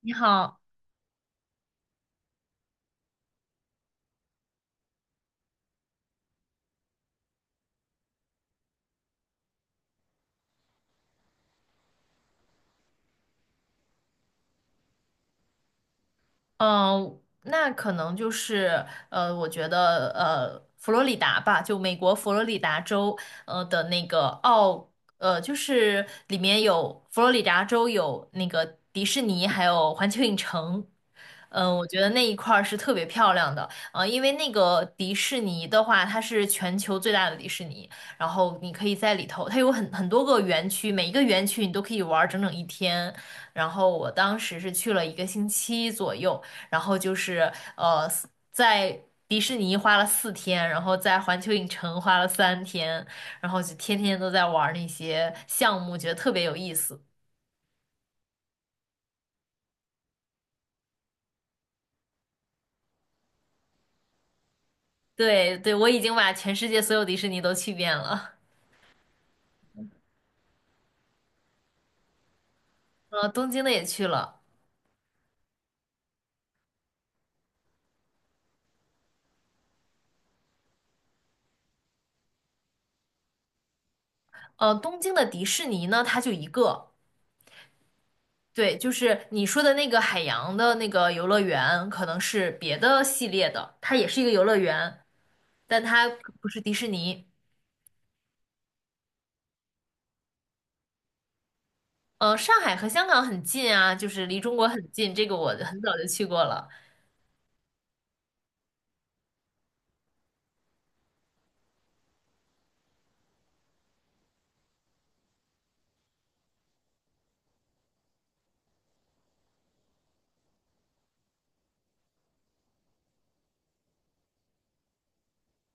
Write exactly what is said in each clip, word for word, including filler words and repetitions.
你好，嗯，那可能就是呃，我觉得呃，佛罗里达吧，就美国佛罗里达州呃的那个奥呃，就是里面有佛罗里达州有那个迪士尼，还有环球影城。嗯，呃我觉得那一块儿是特别漂亮的，呃，因为那个迪士尼的话，它是全球最大的迪士尼，然后你可以在里头，它有很很多个园区，每一个园区你都可以玩儿整整一天。然后我当时是去了一个星期左右，然后就是呃在迪士尼花了四天，然后在环球影城花了三天，然后就天天都在玩儿那些项目，觉得特别有意思。对对，我已经把全世界所有迪士尼都去遍了，呃，东京的也去了，呃，东京的迪士尼呢，它就一个。对，就是你说的那个海洋的那个游乐园，可能是别的系列的，它也是一个游乐园，但它不是迪士尼。呃，上海和香港很近啊，就是离中国很近，这个我很早就去过了。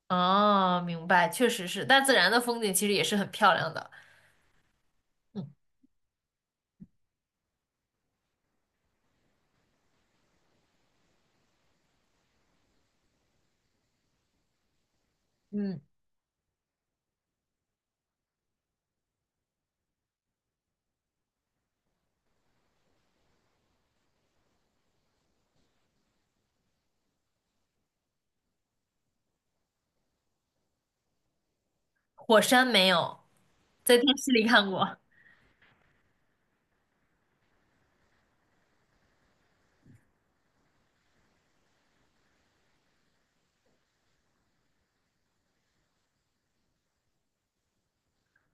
哦，明白，确实是，大自然的风景其实也是很漂亮的。嗯，火山没有，在电视里看过，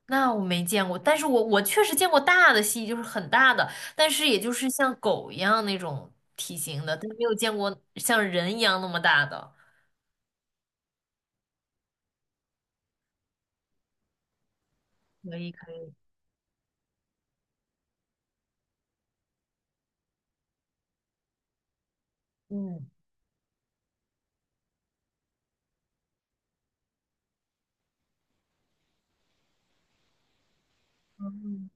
那我没见过，但是我我确实见过大的蜥蜴，就是很大的，但是也就是像狗一样那种体型的，但没有见过像人一样那么大的。可以可以，嗯，嗯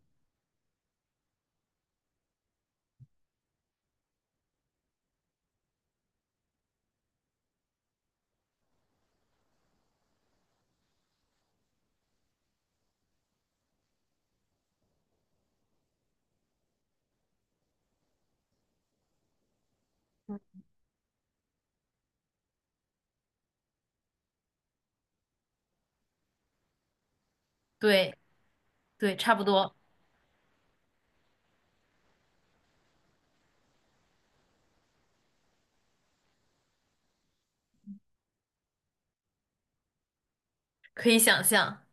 对对，差不多，可以想象。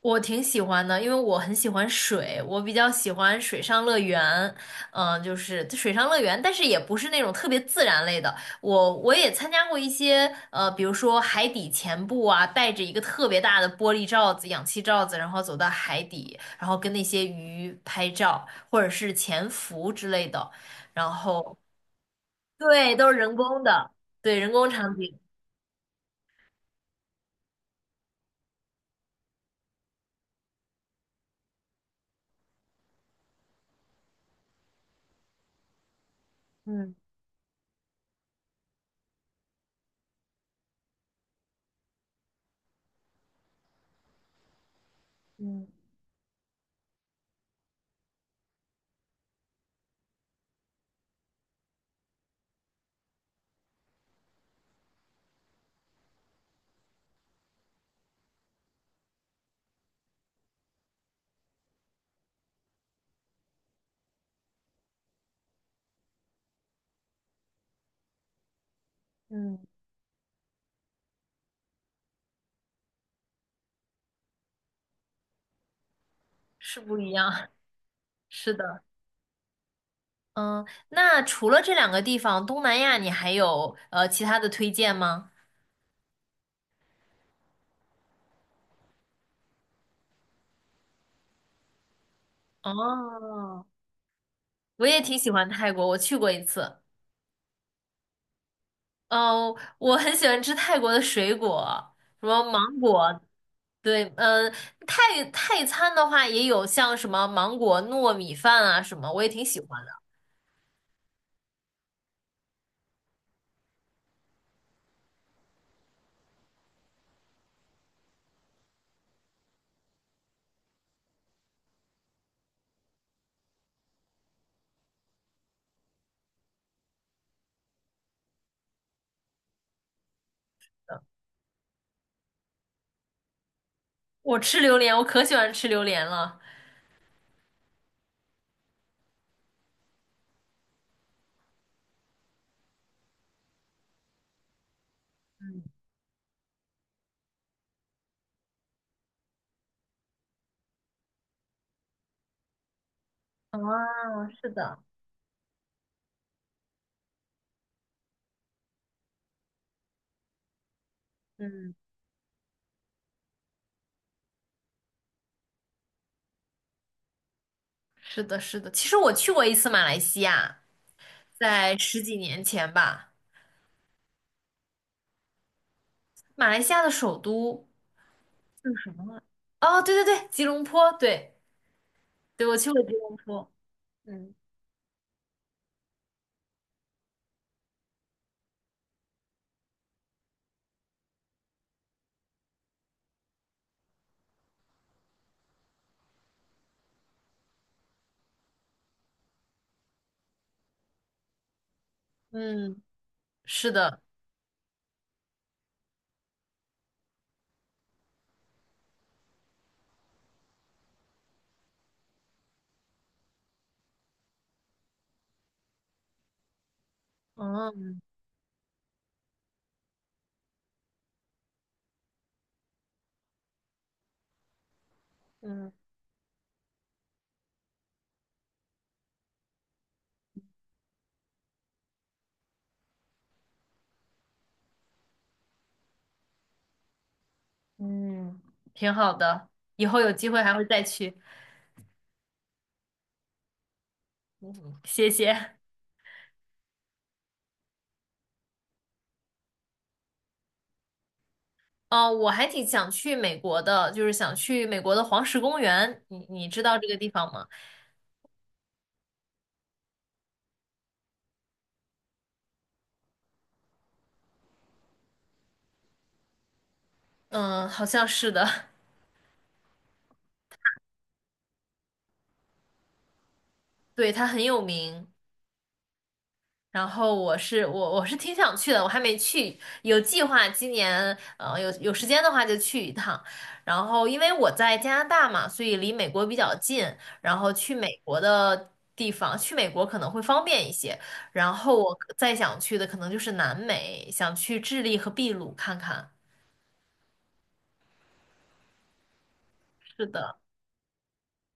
我挺喜欢的，因为我很喜欢水，我比较喜欢水上乐园，嗯、就是水上乐园，但是也不是那种特别自然类的。我我也参加过一些，呃，比如说海底潜步啊，带着一个特别大的玻璃罩子、氧气罩子，然后走到海底，然后跟那些鱼拍照，或者是潜伏之类的。然后，对，都是人工的，对，人工场景，嗯嗯嗯，是不一样，是的。嗯，那除了这两个地方，东南亚你还有呃其他的推荐吗？哦，我也挺喜欢泰国，我去过一次。哦，我很喜欢吃泰国的水果，什么芒果，对，嗯，泰泰餐的话也有像什么芒果糯米饭啊什么，我也挺喜欢的。我吃榴莲，我可喜欢吃榴莲了。哦，是的，嗯，是的，是的。其实我去过一次马来西亚，在十几年前吧。马来西亚的首都是什么来？哦，对对对，吉隆坡，对对，我去过吉隆坡。嗯嗯是的，嗯嗯，嗯，挺好的，以后有机会还会再去。谢谢。哦，我还挺想去美国的，就是想去美国的黄石公园，你你知道这个地方吗？嗯，好像是的，对，它很有名。然后我是我我是挺想去的，我还没去，有计划今年呃有有时间的话就去一趟。然后因为我在加拿大嘛，所以离美国比较近，然后去美国的地方，去美国可能会方便一些。然后我可再想去的可能就是南美，想去智利和秘鲁看看。是的，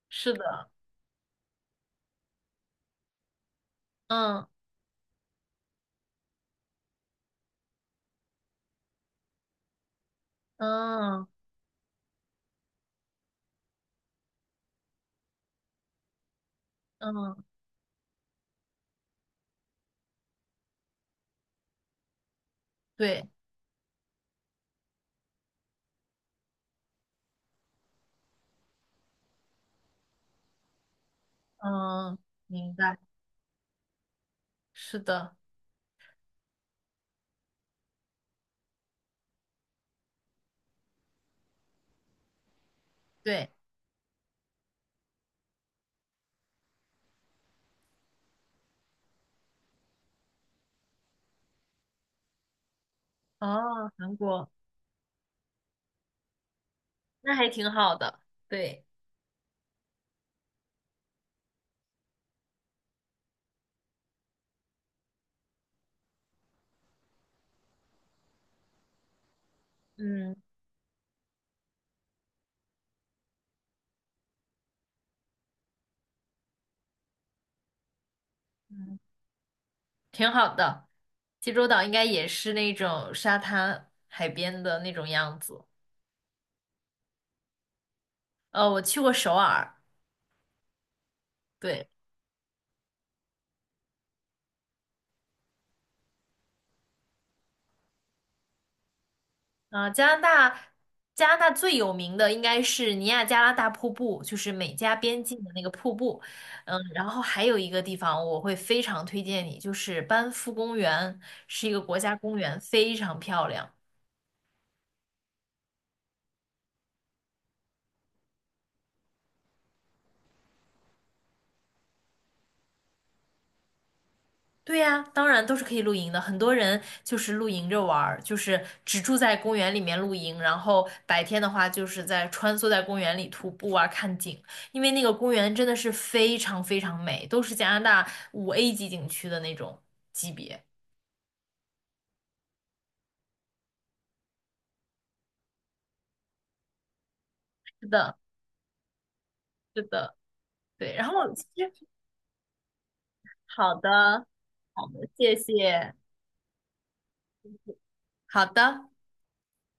是的，嗯嗯嗯，对，嗯，明白，是的，对，哦，韩国，那还挺好的，对。嗯嗯，挺好的。济州岛应该也是那种沙滩海边的那种样子。呃，我去过首尔，对，啊、加拿大，加拿大最有名的应该是尼亚加拉大瀑布，就是美加边境的那个瀑布。嗯，然后还有一个地方我会非常推荐你，就是班夫公园，是一个国家公园，非常漂亮。对呀，当然都是可以露营的。很多人就是露营着玩儿，就是只住在公园里面露营，然后白天的话就是在穿梭在公园里徒步啊，看景。因为那个公园真的是非常非常美，都是加拿大五 A 级景区的那种级别。是的，是的，对。然后其实好的，好的，谢谢，好的。